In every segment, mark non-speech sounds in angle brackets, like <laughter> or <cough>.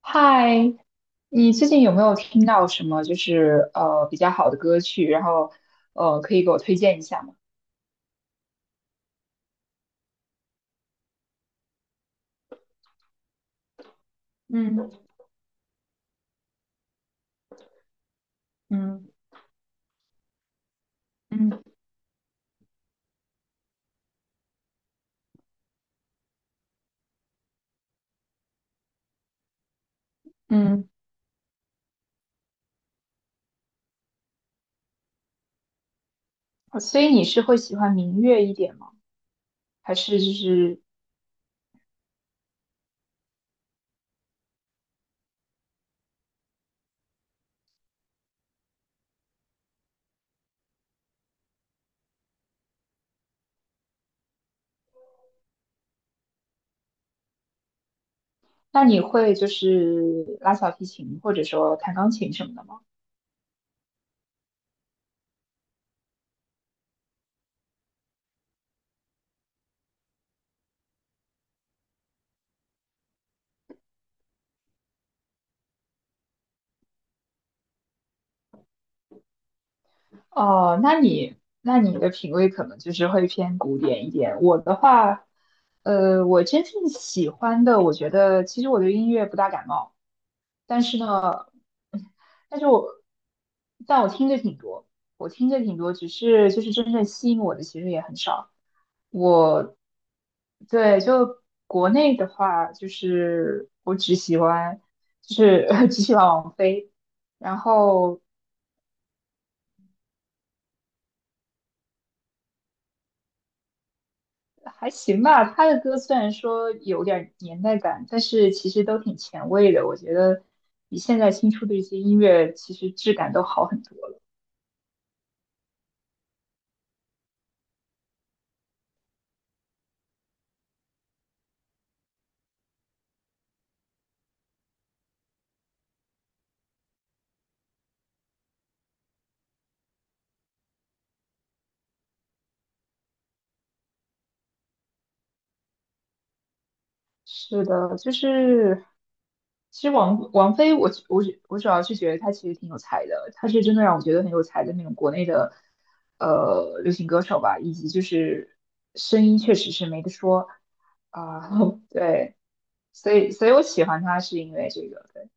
嗨，你最近有没有听到什么就是比较好的歌曲？然后可以给我推荐一下吗？嗯嗯嗯嗯，所以你是会喜欢民乐一点吗？还是就是那你会就是拉小提琴或者说弹钢琴什么的吗？哦，那你的品味可能就是会偏古典一点。我的话，我真正喜欢的，我觉得其实我对音乐不大感冒。但是呢，但是我，但我听着挺多，我听着挺多，只是就是真正吸引我的其实也很少。我，对，就国内的话，就是我只喜欢，就是 <laughs> 只喜欢王菲，然后还行吧。她的歌虽然说有点年代感，但是其实都挺前卫的，我觉得比现在新出的一些音乐其实质感都好很多。是的，其实王菲我我我主要是觉得她其实挺有才的，她是真的让我觉得很有才的那种国内的流行歌手吧，以及就是声音确实是没得说啊，<laughs> 对，所以我喜欢她是因为这个，对，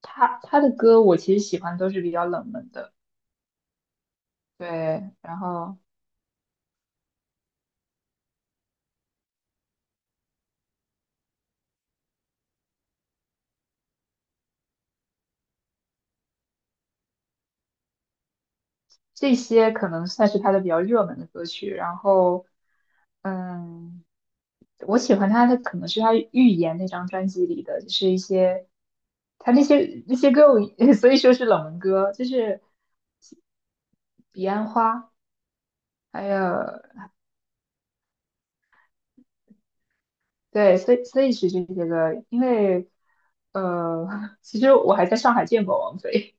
她的歌我其实喜欢都是比较冷门的，对，然后。这些可能算是他的比较热门的歌曲。然后，嗯，我喜欢他的可能是他《预言》那张专辑里的，就是一些他那些歌我，<laughs> 所以说是冷门歌，就是《彼岸花》，还有对，所以是这些歌，因为呃，<laughs> 其实我还在上海见过王菲，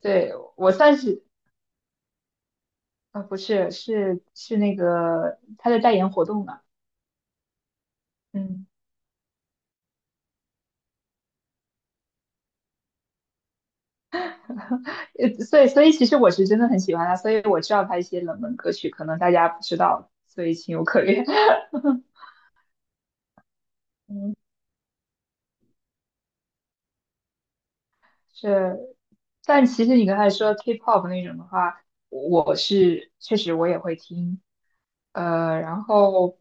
对，我算是啊，不是，是那个他的代言活动嘛，嗯。所以其实我是真的很喜欢他，所以我知道他一些冷门歌曲，可能大家不知道，所以情有可原。<laughs> 嗯，是，但其实你刚才说 K-pop 那种的话，我是确实我也会听，呃，然后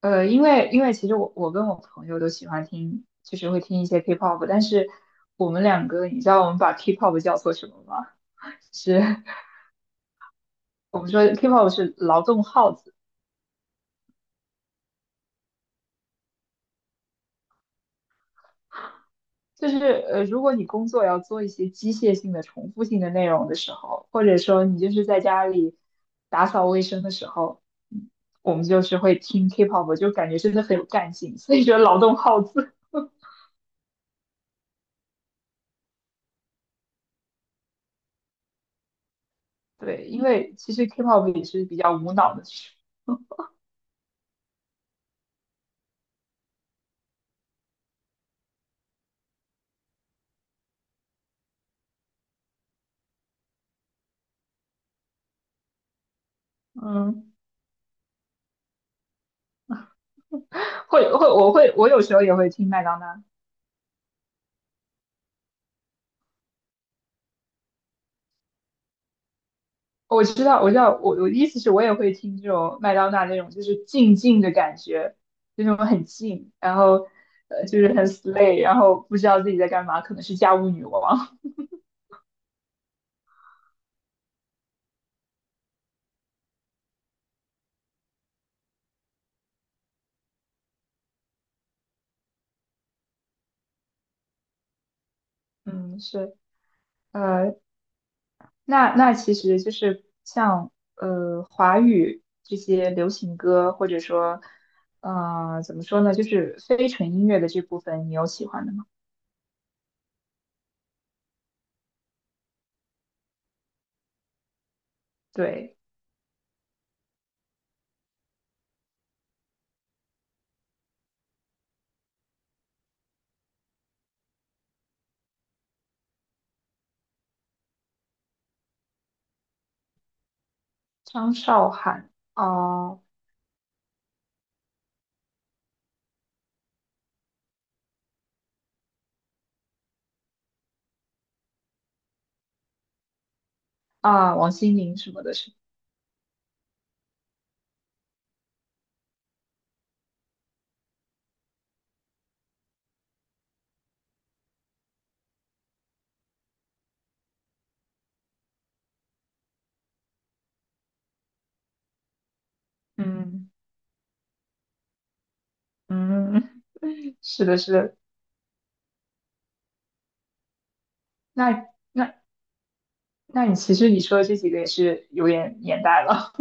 因为其实我跟我朋友都喜欢听，就是会听一些 K-pop，但是我们两个，你知道我们把 K-pop 叫做什么吗？是我们说 K-pop 是劳动号子。就是如果你工作要做一些机械性的、重复性的内容的时候，或者说你就是在家里打扫卫生的时候，嗯我们就是会听 K-pop，就感觉真的很有干劲，所以说劳动号子。<laughs> 对，因为其实 K-pop 也是比较无脑的，嗯，会会我会我有时候也会听麦当娜。我知道，我知道，我的意思是我也会听这种麦当娜那种，就是静静的感觉，就那种很静，然后就是很 slay，然后不知道自己在干嘛，可能是家务女王。<laughs> 嗯，是，呃，那其实就是像华语这些流行歌，或者说怎么说呢，就是非纯音乐的这部分，你有喜欢的吗？对，张韶涵啊啊，王心凌什么的是，嗯嗯。是的，是的，那那那你其实你说的这几个也是有点年代了。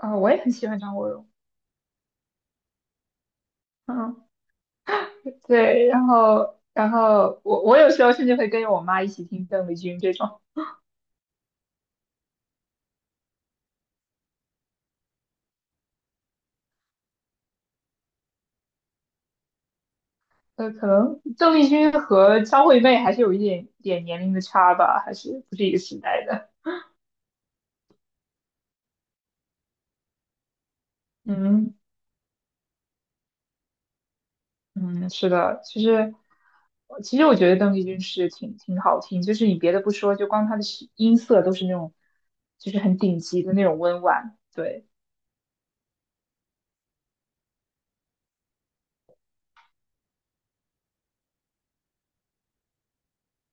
啊，我也很喜欢张国荣。嗯，对，然后我有时候甚至会跟着我妈一起听邓丽君这种。呃，可能邓丽君和张惠妹还是有一点点年龄的差吧，还是不是一个时代的。嗯嗯，是的，其实我觉得邓丽君是挺好听，就是你别的不说，就光她的音色都是那种就是很顶级的那种温婉。对。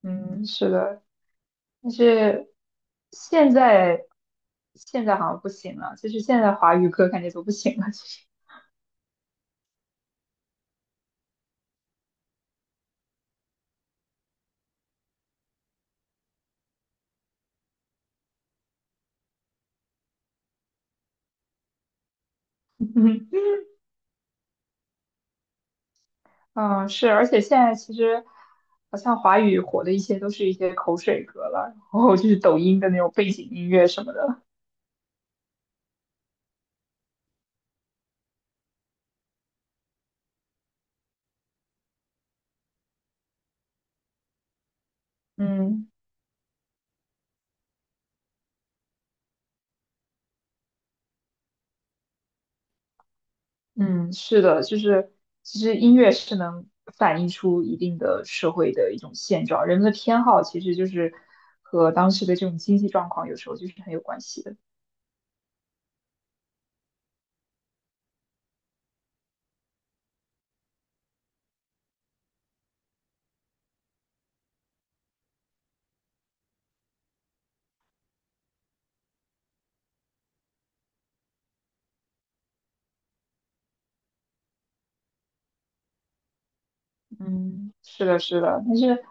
嗯，是的，但是现在现在好像不行了，就是现在华语歌感觉都不行了，其实。<laughs> 嗯，是，而且现在其实好像华语火的一些都是一些口水歌了，然后就是抖音的那种背景音乐什么的。嗯嗯，是的，就是其实音乐是能反映出一定的社会的一种现状，人们的偏好其实就是和当时的这种经济状况有时候就是很有关系的。嗯，是的，是的，但是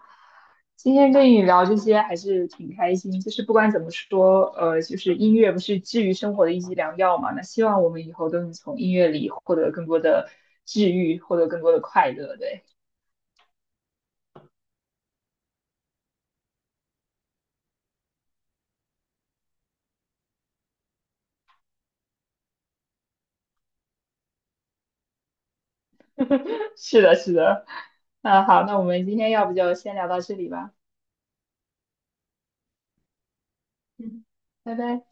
今天跟你聊这些还是挺开心。就是不管怎么说，就是音乐不是治愈生活的一剂良药嘛。那希望我们以后都能从音乐里获得更多的治愈，获得更多的快乐。对，<laughs> 是的，是的。那好，那我们今天要不就先聊到这里吧。嗯，拜拜。